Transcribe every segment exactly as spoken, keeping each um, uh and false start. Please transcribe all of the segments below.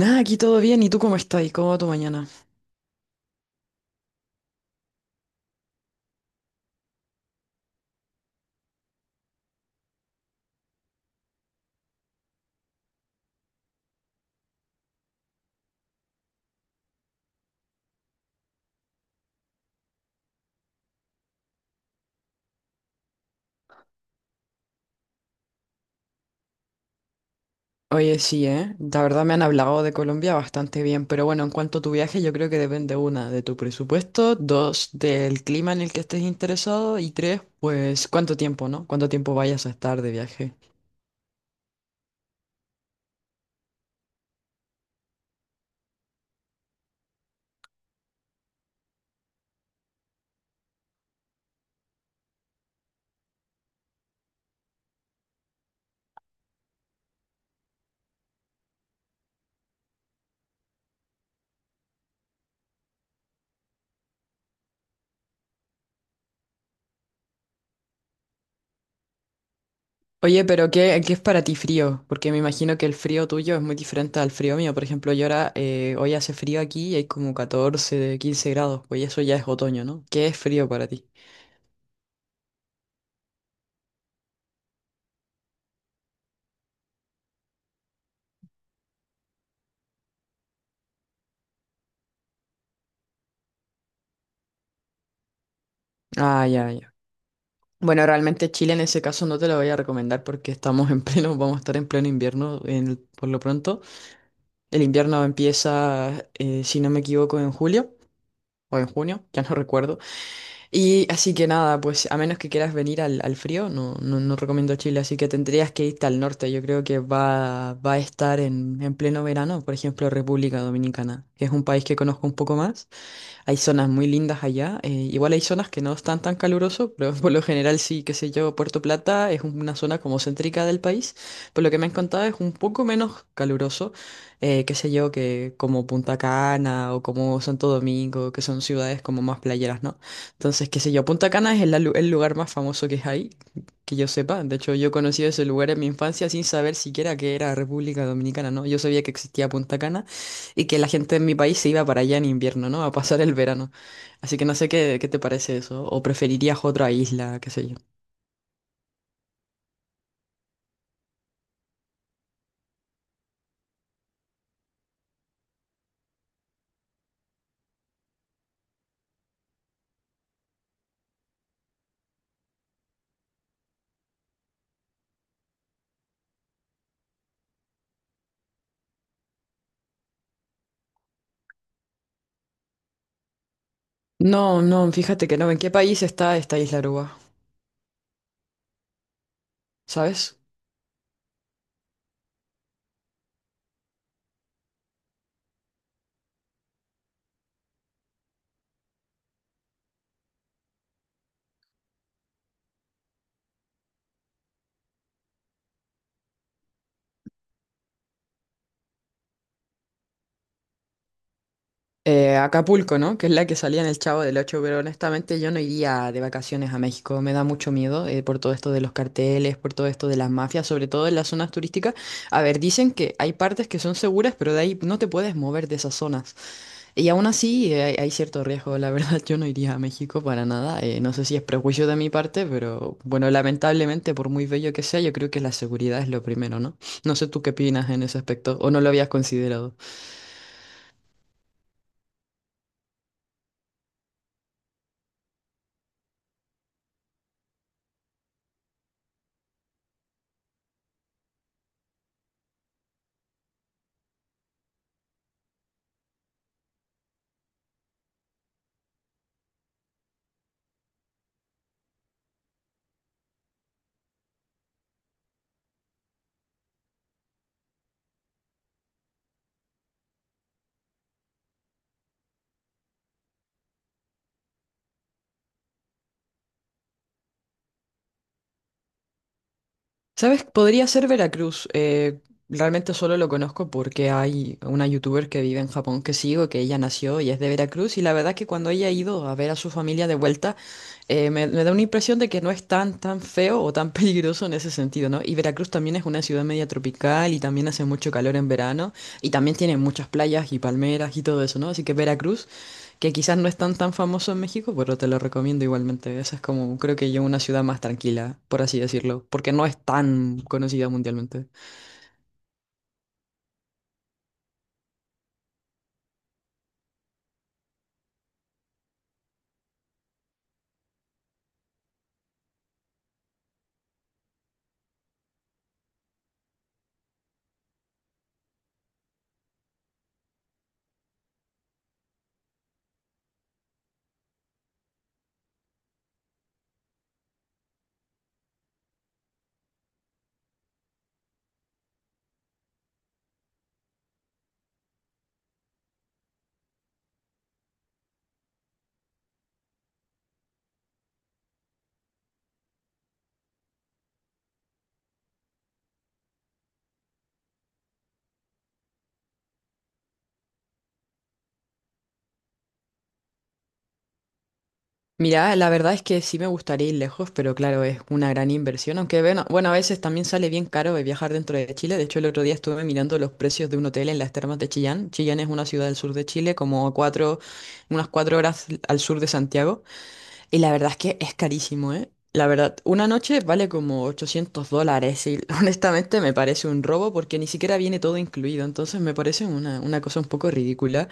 Nada, aquí todo bien. ¿Y tú cómo estás? ¿Y cómo va tu mañana? Oye, sí, ¿eh? La verdad me han hablado de Colombia bastante bien, pero bueno, en cuanto a tu viaje, yo creo que depende, una, de tu presupuesto, dos, del clima en el que estés interesado, y tres, pues, cuánto tiempo, ¿no? Cuánto tiempo vayas a estar de viaje. Oye, pero ¿qué, qué es para ti frío? Porque me imagino que el frío tuyo es muy diferente al frío mío. Por ejemplo, yo ahora, eh, hoy hace frío aquí y hay como catorce, quince grados, pues eso ya es otoño, ¿no? ¿Qué es frío para ti? Ah, ya, ya. Bueno, realmente Chile en ese caso no te lo voy a recomendar porque estamos en pleno, vamos a estar en pleno invierno en el- por lo pronto. El invierno empieza, eh, si no me equivoco, en julio o en junio, ya no recuerdo. Y así que nada, pues a menos que quieras venir al, al frío, no, no, no recomiendo Chile, así que tendrías que irte al norte. Yo creo que va, va a estar en, en pleno verano, por ejemplo, República Dominicana, que es un país que conozco un poco más. Hay zonas muy lindas allá. Eh, igual hay zonas que no están tan caluroso, pero por lo general sí, qué sé yo, Puerto Plata es una zona como céntrica del país. Por lo que me han contado es un poco menos caluroso, eh, qué sé yo, que como Punta Cana o como Santo Domingo, que son ciudades como más playeras, ¿no? Entonces, qué sé yo, Punta Cana es el, alu- el lugar más famoso que hay, que yo sepa. De hecho, yo conocí ese lugar en mi infancia sin saber siquiera que era República Dominicana, ¿no? Yo sabía que existía Punta Cana y que la gente en mi país se iba para allá en invierno, ¿no? A pasar el verano. Así que no sé qué, qué te parece eso. O preferirías otra isla, qué sé yo. No, no, fíjate que no. ¿En qué país está esta isla Aruba? ¿Sabes? Eh, Acapulco, ¿no? Que es la que salía en el Chavo del Ocho, pero honestamente yo no iría de vacaciones a México. Me da mucho miedo eh, por todo esto de los carteles, por todo esto de las mafias, sobre todo en las zonas turísticas. A ver, dicen que hay partes que son seguras, pero de ahí no te puedes mover de esas zonas. Y aún así eh, hay, hay cierto riesgo, la verdad, yo no iría a México para nada, eh, no sé si es prejuicio de mi parte, pero bueno, lamentablemente por muy bello que sea, yo creo que la seguridad es lo primero, ¿no? No sé tú qué opinas en ese aspecto, o no lo habías considerado. ¿Sabes? Podría ser Veracruz, eh, realmente solo lo conozco porque hay una youtuber que vive en Japón que sigo, que ella nació y es de Veracruz, y la verdad que cuando ella ha ido a ver a su familia de vuelta, eh, me, me da una impresión de que no es tan, tan feo o tan peligroso en ese sentido, ¿no? Y Veracruz también es una ciudad media tropical y también hace mucho calor en verano y también tiene muchas playas y palmeras y todo eso, ¿no? Así que Veracruz, que quizás no es tan, tan famoso en México, pero te lo recomiendo igualmente. Esa es como, creo que yo, una ciudad más tranquila, por así decirlo, porque no es tan conocida mundialmente. Mira, la verdad es que sí me gustaría ir lejos, pero claro, es una gran inversión, aunque bueno, bueno, a veces también sale bien caro de viajar dentro de Chile. De hecho, el otro día estuve mirando los precios de un hotel en las termas de Chillán. Chillán es una ciudad del sur de Chile, como cuatro, unas cuatro horas al sur de Santiago, y la verdad es que es carísimo, ¿eh? La verdad, una noche vale como ochocientos dólares y honestamente me parece un robo porque ni siquiera viene todo incluido, entonces me parece una, una cosa un poco ridícula.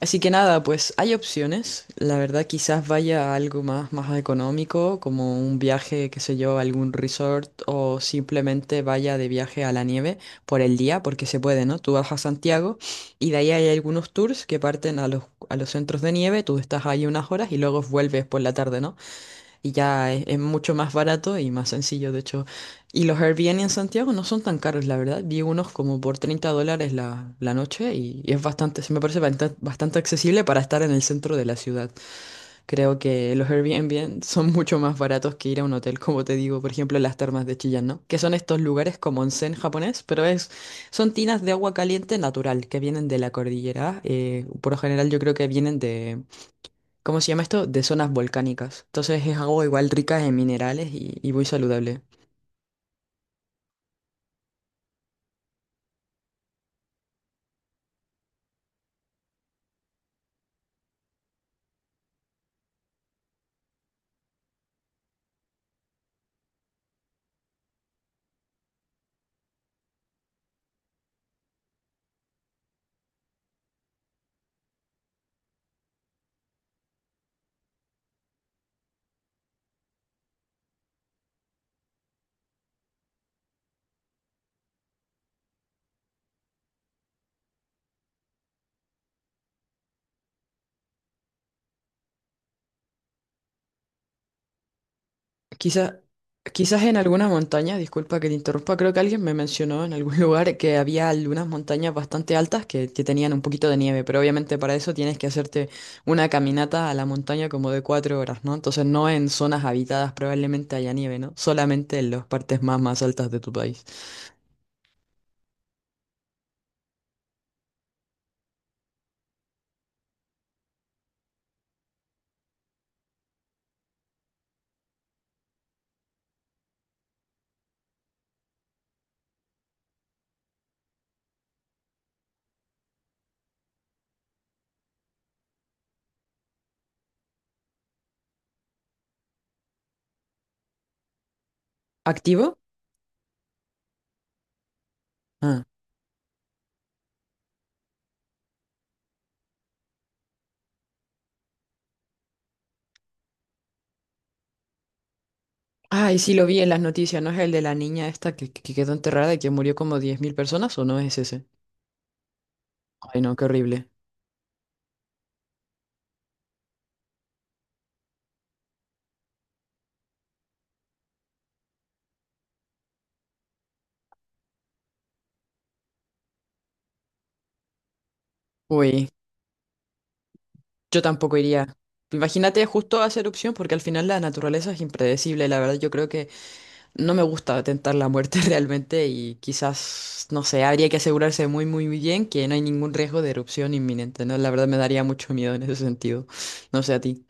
Así que nada, pues hay opciones. La verdad, quizás vaya a algo más, más económico, como un viaje, qué sé yo, a algún resort o simplemente vaya de viaje a la nieve por el día, porque se puede, ¿no? Tú vas a Santiago y de ahí hay algunos tours que parten a los, a los centros de nieve, tú estás ahí unas horas y luego vuelves por la tarde, ¿no? Y ya es, es mucho más barato y más sencillo, de hecho. Y los Airbnb en Santiago no son tan caros, la verdad. Vi unos como por treinta dólares la, la noche y, y es bastante, se me parece bastante, bastante accesible para estar en el centro de la ciudad. Creo que los Airbnb son mucho más baratos que ir a un hotel, como te digo, por ejemplo, las termas de Chillán, ¿no? Que son estos lugares como onsen japonés, pero es, son tinas de agua caliente natural que vienen de la cordillera. Eh, por lo general yo creo que vienen de... ¿Cómo se llama esto? De zonas volcánicas. Entonces es agua igual rica en minerales y, y muy saludable. Quizá, Quizás en algunas montañas, disculpa que te interrumpa, creo que alguien me mencionó en algún lugar que había algunas montañas bastante altas que, que tenían un poquito de nieve, pero obviamente para eso tienes que hacerte una caminata a la montaña como de cuatro horas, ¿no? Entonces no en zonas habitadas probablemente haya nieve, ¿no? Solamente en las partes más, más altas de tu país. ¿Activo? Ah. Ay, sí lo vi en las noticias, ¿no es el de la niña esta que, que quedó enterrada y que murió como diez mil personas o no es ese? Ay, no, qué horrible. Uy, yo tampoco iría. Imagínate, justo hace erupción porque al final la naturaleza es impredecible. La verdad, yo creo que no me gusta tentar la muerte realmente y quizás, no sé, habría que asegurarse muy, muy bien que no hay ningún riesgo de erupción inminente, ¿no? La verdad me daría mucho miedo en ese sentido. No sé a ti.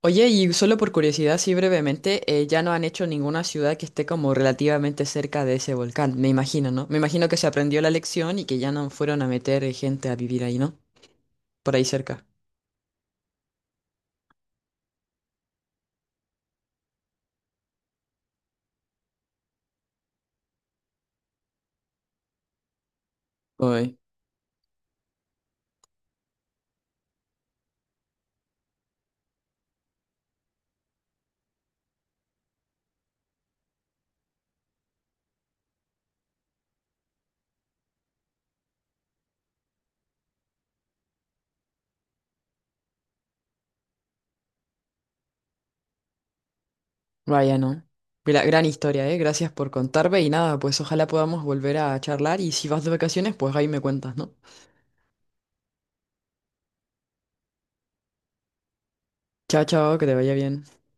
Oye, y solo por curiosidad, sí brevemente, eh, ya no han hecho ninguna ciudad que esté como relativamente cerca de ese volcán, me imagino, ¿no? Me imagino que se aprendió la lección y que ya no fueron a meter eh, gente a vivir ahí, ¿no? Por ahí cerca. Uy, vaya, ¿no? Gra- gran historia, ¿eh? Gracias por contarme y nada, pues ojalá podamos volver a charlar y si vas de vacaciones, pues ahí me cuentas, ¿no? Chao, chao, que te vaya bien.